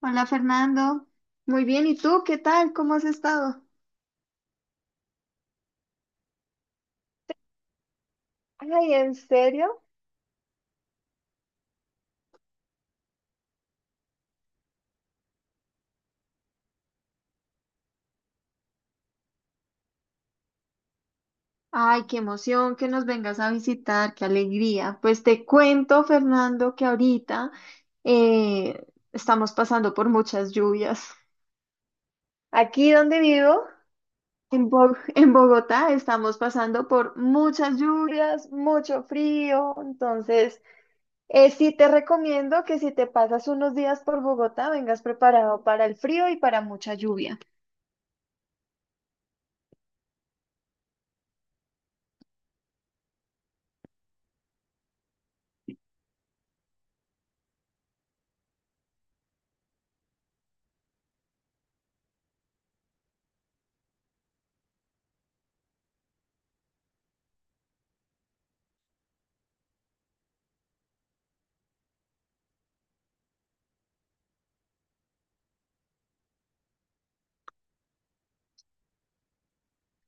Hola Fernando, muy bien, ¿y tú qué tal? ¿Cómo has estado? Ay, ¿en serio? Ay, qué emoción que nos vengas a visitar, qué alegría. Pues te cuento, Fernando, que ahorita eh, estamos pasando por muchas lluvias. Aquí donde vivo, en Bogotá estamos pasando por muchas lluvias, mucho frío, entonces sí te recomiendo que si te pasas unos días por Bogotá, vengas preparado para el frío y para mucha lluvia.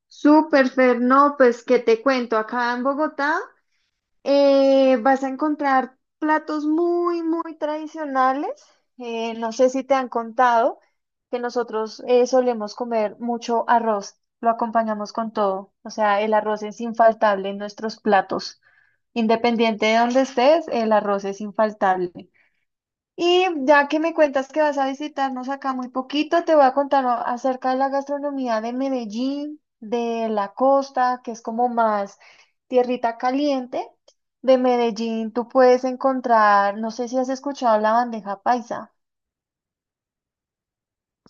Súper, Fer, no, pues que te cuento, acá en Bogotá vas a encontrar platos muy, muy tradicionales. No sé si te han contado que nosotros solemos comer mucho arroz, lo acompañamos con todo, o sea, el arroz es infaltable en nuestros platos. Independiente de donde estés, el arroz es infaltable. Y ya que me cuentas que vas a visitarnos acá muy poquito, te voy a contar acerca de la gastronomía de Medellín, de la costa, que es como más tierrita caliente. De Medellín tú puedes encontrar, no sé si has escuchado la bandeja paisa.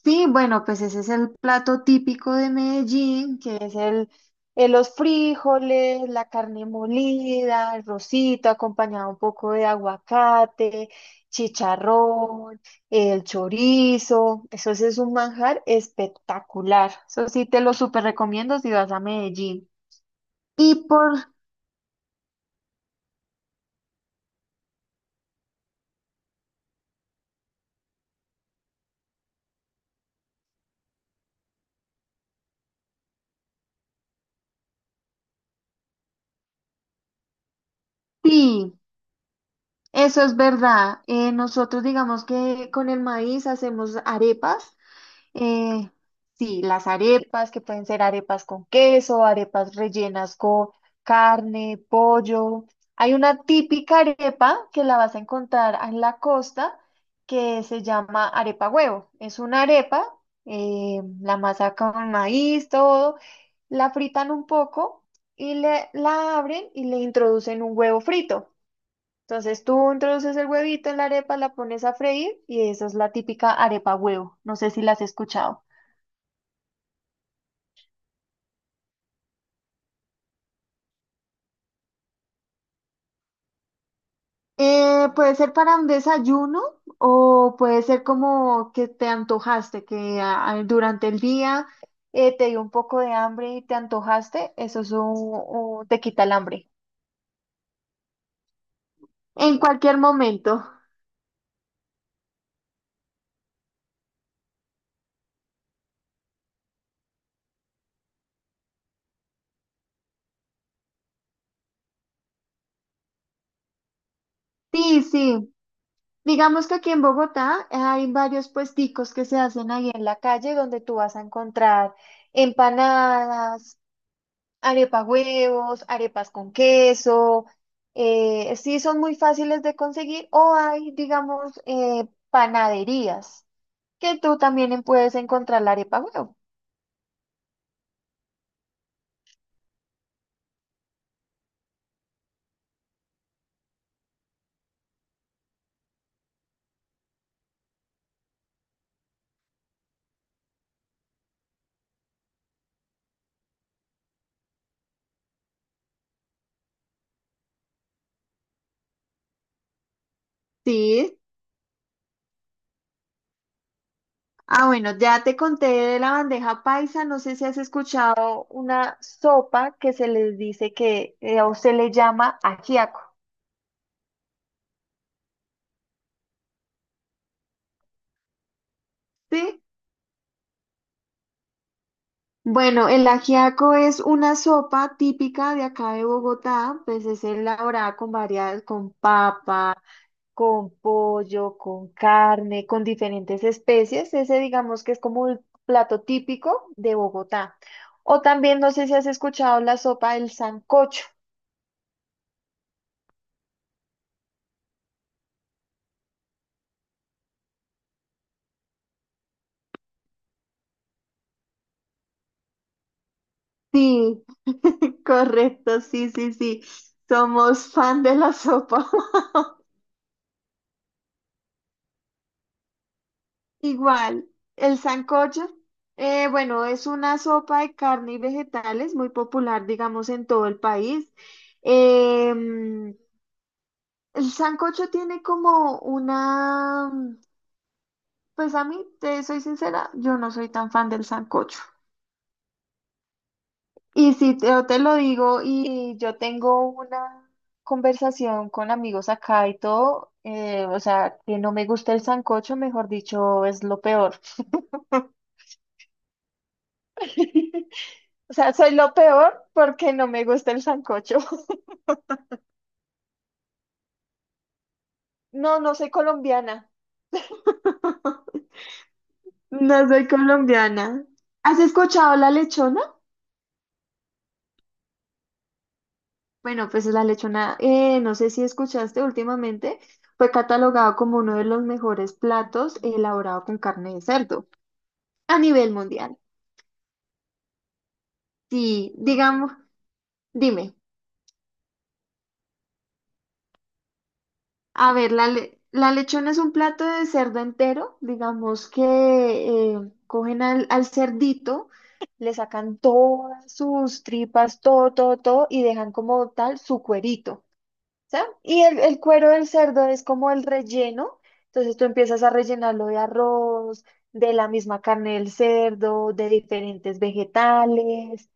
Sí, bueno, pues ese es el plato típico de Medellín, que es los frijoles, la carne molida, el rosito acompañado un poco de aguacate, chicharrón, el chorizo. Eso sí es un manjar espectacular. Eso sí te lo súper recomiendo si vas a Medellín. Y por ti, eso es verdad. Nosotros digamos que con el maíz hacemos arepas. Eh, sí, las arepas, que pueden ser arepas con queso, arepas rellenas con carne, pollo. Hay una típica arepa que la vas a encontrar en la costa que se llama arepa huevo. Es una arepa, la masa con maíz, todo, la fritan un poco y la abren y le introducen un huevo frito. Entonces tú introduces el huevito en la arepa, la pones a freír y esa es la típica arepa huevo. No sé si la has escuchado. Puede ser para un desayuno o puede ser como que te antojaste, que ah, durante el día te dio un poco de hambre y te antojaste, eso es te quita el hambre. En cualquier momento. Sí, sí. Digamos que aquí en Bogotá hay varios puesticos que se hacen ahí en la calle donde tú vas a encontrar empanadas, arepa huevos, arepas con queso, sí son muy fáciles de conseguir o hay, digamos, panaderías que tú también puedes encontrar la arepa huevo. Sí. Ah, bueno, ya te conté de la bandeja paisa, no sé si has escuchado una sopa que se les dice que o se le llama ajiaco. Sí, bueno, el ajiaco es una sopa típica de acá de Bogotá, pues es elaborada con varias, con papa, con pollo, con carne, con diferentes especies. Ese digamos que es como el plato típico de Bogotá. O también, no sé si has escuchado la sopa del sancocho. Sí, correcto, sí, sí, sí. Somos fan de la sopa. Igual, el sancocho, bueno, es una sopa de carne y vegetales muy popular, digamos, en todo el país. Em, el sancocho tiene como una... Pues a mí, te soy sincera, yo no soy tan fan del sancocho. Y si te, yo te lo digo y yo tengo una conversación con amigos acá y todo, o sea, que no me gusta el sancocho, mejor dicho, es lo peor. O sea, soy lo peor porque no me gusta el sancocho. No, no soy colombiana. No soy colombiana. ¿Has escuchado la lechona? Bueno, pues la lechona, no sé si escuchaste últimamente, fue catalogado como uno de los mejores platos elaborado con carne de cerdo a nivel mundial. Sí, digamos, dime, a ver, la lechona es un plato de cerdo entero, digamos que eh, cogen al cerdito, le sacan todas sus tripas, todo, todo, todo, y dejan como tal su cuerito. ¿Ya? Y el cuero del cerdo es como el relleno, entonces tú empiezas a rellenarlo de arroz, de la misma carne del cerdo, de diferentes vegetales,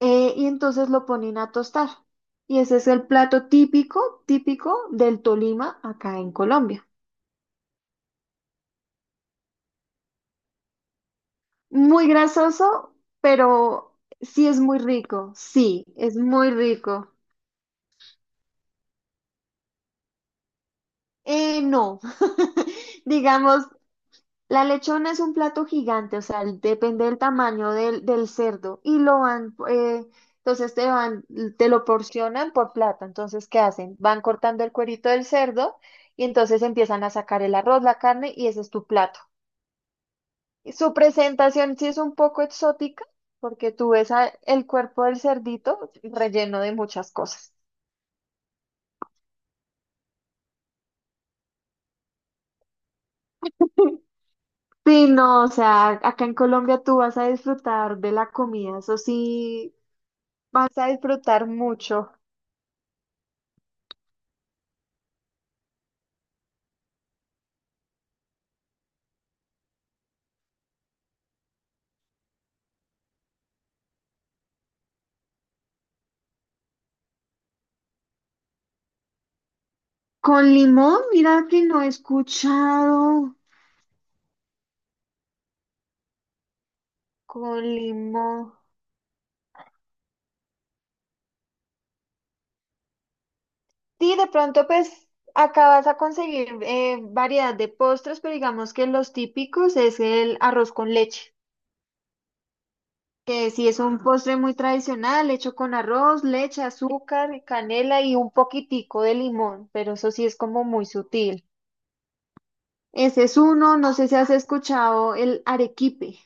y entonces lo ponen a tostar. Y ese es el plato típico, típico del Tolima acá en Colombia. Muy grasoso, pero sí es muy rico, sí, es muy rico. No, digamos, la lechona es un plato gigante, o sea, el- depende del tamaño del cerdo y lo van, entonces te van, te lo porcionan por plato. Entonces, ¿qué hacen? Van cortando el cuerito del cerdo y entonces empiezan a sacar el arroz, la carne y ese es tu plato. Y su presentación sí es un poco exótica porque tú ves a- el cuerpo del cerdito relleno de muchas cosas. Sí, no, o sea, acá en Colombia tú vas a disfrutar de la comida, eso sí, vas a disfrutar mucho. Con limón, mira que no he escuchado. Con limón. Sí, de pronto pues acá vas a conseguir variedad de postres, pero digamos que los típicos es el arroz con leche, que sí es un postre muy tradicional, hecho con arroz, leche, azúcar, canela y un poquitico de limón, pero eso sí es como muy sutil. Ese es uno, no sé si has escuchado el arequipe.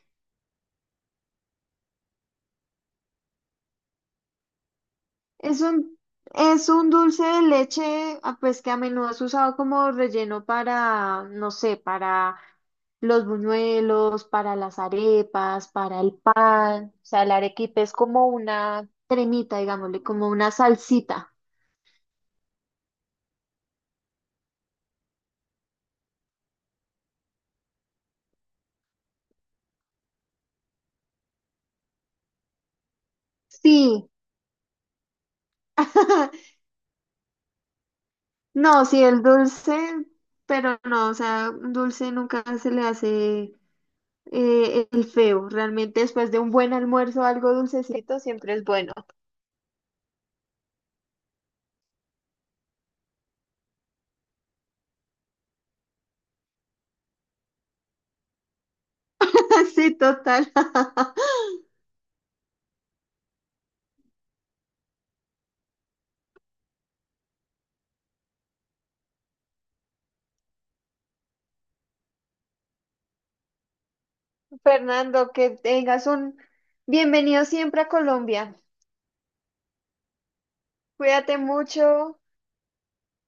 Es un, es un dulce de leche, ah, pues que a menudo es usado como relleno para, no sé, para los buñuelos, para las arepas, para el pan. O sea, el arequipe es como una cremita, digámosle, como una salsita. Sí, no, sí, el dulce, pero no, o sea, un dulce nunca se le hace el feo. Realmente después de un buen almuerzo, algo dulcecito siempre es bueno. Sí, total. Fernando, que tengas un bienvenido siempre a Colombia. Cuídate mucho.